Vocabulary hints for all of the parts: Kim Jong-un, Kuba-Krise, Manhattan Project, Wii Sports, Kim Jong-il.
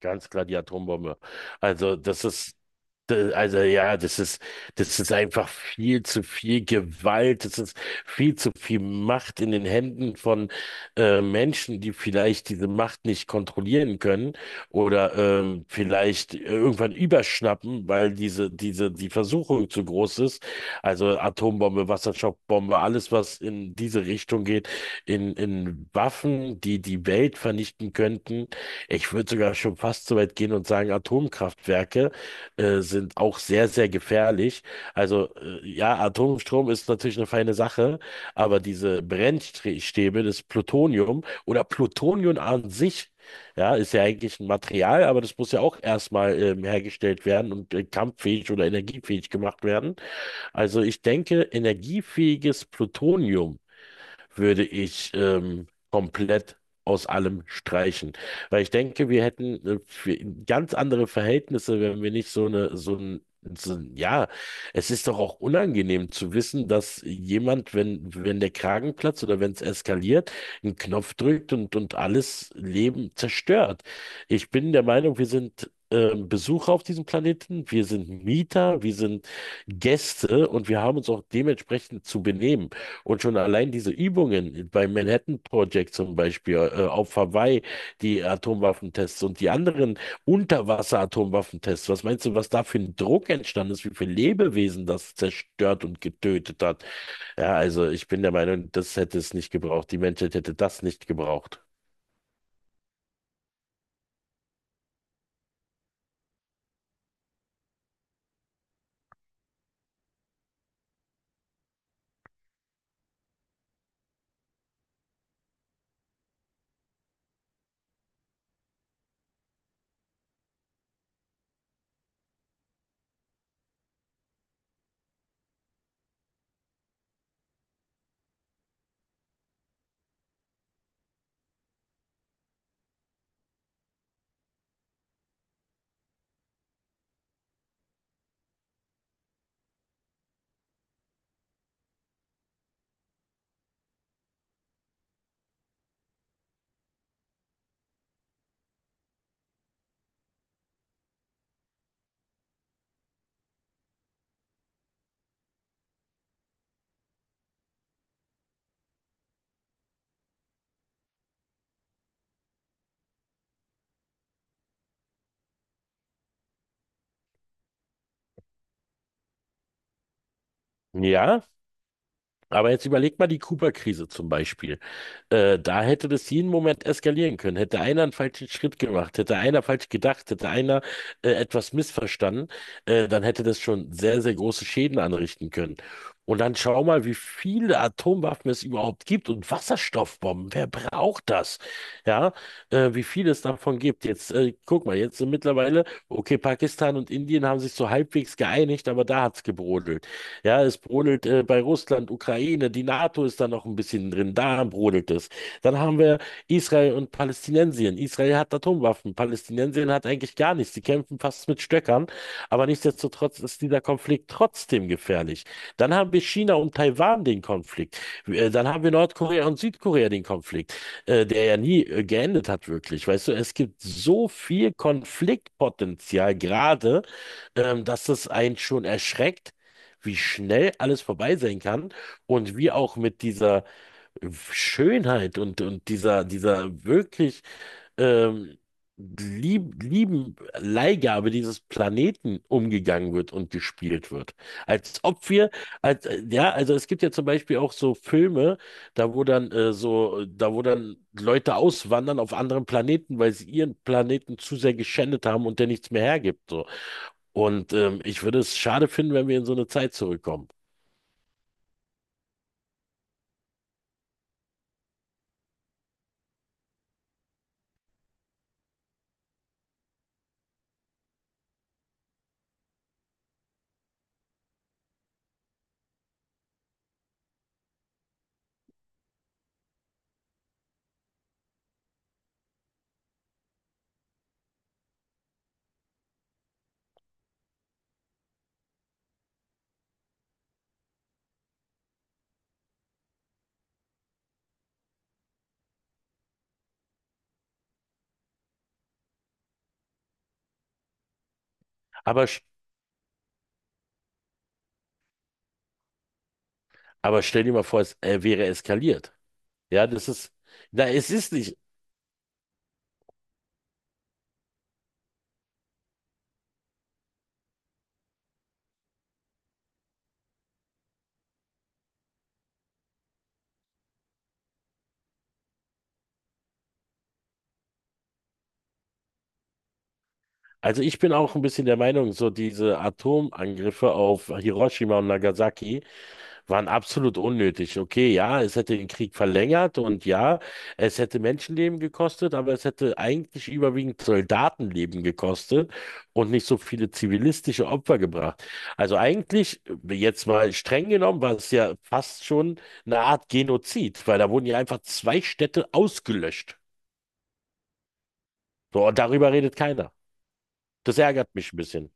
Ganz klar die Atombombe. Also das ist, ja, das ist einfach viel zu viel Gewalt, das ist viel zu viel Macht in den Händen von Menschen, die vielleicht diese Macht nicht kontrollieren können oder vielleicht irgendwann überschnappen, weil die Versuchung zu groß ist. Also Atombombe, Wasserstoffbombe, alles, was in diese Richtung geht, in Waffen, die die Welt vernichten könnten. Ich würde sogar schon fast so weit gehen und sagen, Atomkraftwerke sind auch sehr, sehr gefährlich. Also ja, Atomstrom ist natürlich eine feine Sache, aber diese Brennstäbe, das Plutonium oder Plutonium an sich, ja, ist ja eigentlich ein Material, aber das muss ja auch erstmal hergestellt werden und kampffähig oder energiefähig gemacht werden. Also ich denke, energiefähiges Plutonium würde ich komplett aus allem streichen. Weil ich denke, wir hätten für ganz andere Verhältnisse, wenn wir nicht so eine, ja, es ist doch auch unangenehm zu wissen, dass jemand, wenn der Kragen platzt oder wenn es eskaliert, einen Knopf drückt und alles Leben zerstört. Ich bin der Meinung, wir sind Besucher auf diesem Planeten, wir sind Mieter, wir sind Gäste und wir haben uns auch dementsprechend zu benehmen. Und schon allein diese Übungen beim Manhattan Project zum Beispiel, auf Hawaii, die Atomwaffentests und die anderen Unterwasser-Atomwaffentests, was meinst du, was da für ein Druck entstanden ist, wie viele Lebewesen das zerstört und getötet hat? Ja, also ich bin der Meinung, das hätte es nicht gebraucht. Die Menschheit hätte das nicht gebraucht. Ja, aber jetzt überleg mal die Kuba-Krise zum Beispiel. Da hätte das jeden Moment eskalieren können. Hätte einer einen falschen Schritt gemacht, hätte einer falsch gedacht, hätte einer etwas missverstanden, dann hätte das schon sehr, sehr große Schäden anrichten können. Und dann schau mal, wie viele Atomwaffen es überhaupt gibt und Wasserstoffbomben. Wer braucht das? Ja, wie viel es davon gibt. Jetzt guck mal, jetzt sind mittlerweile. Okay, Pakistan und Indien haben sich so halbwegs geeinigt, aber da hat's gebrodelt. Ja, es brodelt bei Russland, Ukraine, die NATO ist da noch ein bisschen drin, da brodelt es. Dann haben wir Israel und Palästinensien. Israel hat Atomwaffen, Palästinensien hat eigentlich gar nichts. Die kämpfen fast mit es mit Stöckern. Aber nichtsdestotrotz ist dieser Konflikt trotzdem gefährlich. Dann haben wir China und Taiwan den Konflikt. Dann haben wir Nordkorea und Südkorea den Konflikt, der ja nie geendet hat, wirklich. Weißt du, es gibt so viel Konfliktpotenzial gerade, dass es einen schon erschreckt, wie schnell alles vorbei sein kann und wie auch mit dieser Schönheit und dieser wirklich ähm, lieben Leihgabe dieses Planeten umgegangen wird und gespielt wird. Als ob wir, als, ja, also es gibt ja zum Beispiel auch so Filme, da wo dann Leute auswandern auf anderen Planeten, weil sie ihren Planeten zu sehr geschändet haben und der nichts mehr hergibt. So. Und ich würde es schade finden, wenn wir in so eine Zeit zurückkommen. Aber, sch- aber stell dir mal vor, es wäre eskaliert. Ja, na, es ist nicht. Also ich bin auch ein bisschen der Meinung, so diese Atomangriffe auf Hiroshima und Nagasaki waren absolut unnötig. Okay, ja, es hätte den Krieg verlängert und ja, es hätte Menschenleben gekostet, aber es hätte eigentlich überwiegend Soldatenleben gekostet und nicht so viele zivilistische Opfer gebracht. Also eigentlich, jetzt mal streng genommen, war es ja fast schon eine Art Genozid, weil da wurden ja einfach zwei Städte ausgelöscht. So, und darüber redet keiner. Das ärgert mich ein bisschen.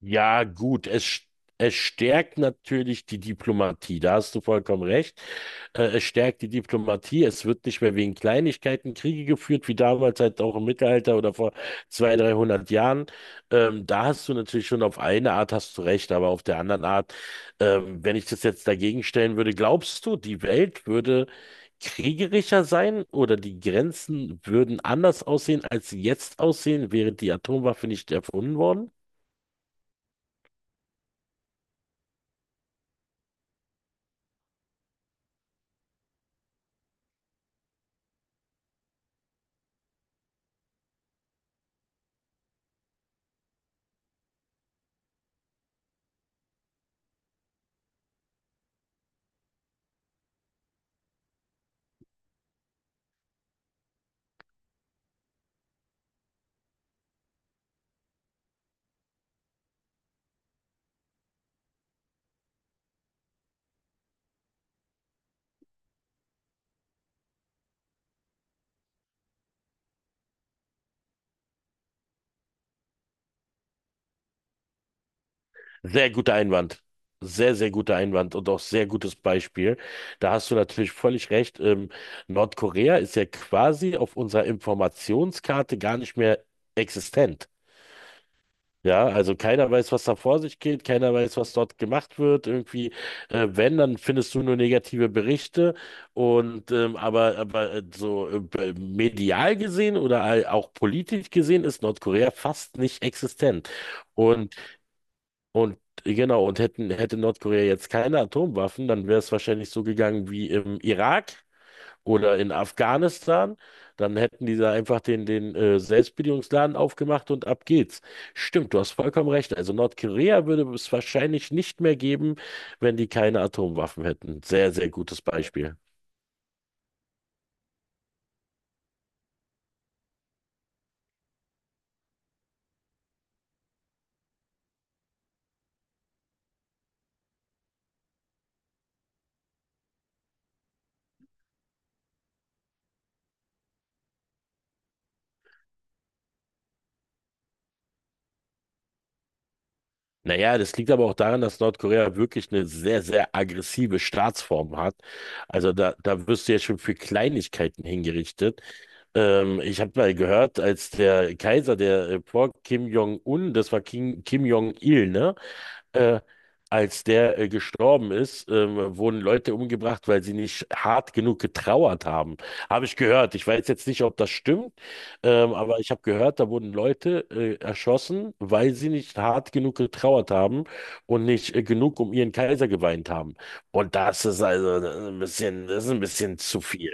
Ja, gut, es stärkt natürlich die Diplomatie, da hast du vollkommen recht. Es stärkt die Diplomatie, es wird nicht mehr wegen Kleinigkeiten Kriege geführt, wie damals halt auch im Mittelalter oder vor 200, 300 Jahren. Da hast du natürlich schon auf eine Art hast du recht, aber auf der anderen Art, wenn ich das jetzt dagegen stellen würde, glaubst du, die Welt würde kriegerischer sein oder die Grenzen würden anders aussehen, als sie jetzt aussehen, wäre die Atomwaffe nicht erfunden worden? Sehr guter Einwand. Sehr, sehr guter Einwand und auch sehr gutes Beispiel. Da hast du natürlich völlig recht. Nordkorea ist ja quasi auf unserer Informationskarte gar nicht mehr existent. Ja, also keiner weiß, was da vor sich geht, keiner weiß, was dort gemacht wird. Irgendwie, wenn, dann findest du nur negative Berichte. Und aber medial gesehen oder auch politisch gesehen ist Nordkorea fast nicht existent. Und genau, und hätte Nordkorea jetzt keine Atomwaffen, dann wäre es wahrscheinlich so gegangen wie im Irak oder in Afghanistan. Dann hätten die da einfach den Selbstbedienungsladen aufgemacht und ab geht's. Stimmt, du hast vollkommen recht. Also Nordkorea würde es wahrscheinlich nicht mehr geben, wenn die keine Atomwaffen hätten. Sehr, sehr gutes Beispiel. Naja, das liegt aber auch daran, dass Nordkorea wirklich eine sehr, sehr aggressive Staatsform hat. Also da wirst du ja schon für Kleinigkeiten hingerichtet. Ich habe mal gehört, als der Kaiser, der vor Kim Jong-un, das war Kim Jong-il, ne? Äh, Als der gestorben ist, wurden Leute umgebracht, weil sie nicht hart genug getrauert haben. Habe ich gehört. Ich weiß jetzt nicht, ob das stimmt, aber ich habe gehört, da wurden Leute erschossen, weil sie nicht hart genug getrauert haben und nicht genug um ihren Kaiser geweint haben. Und das ist also ein bisschen, das ist ein bisschen zu viel.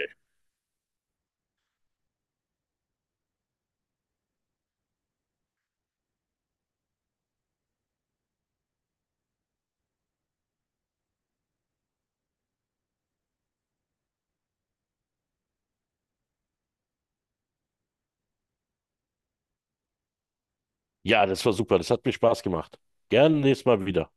Ja, das war super. Das hat mir Spaß gemacht. Gerne nächstes Mal wieder.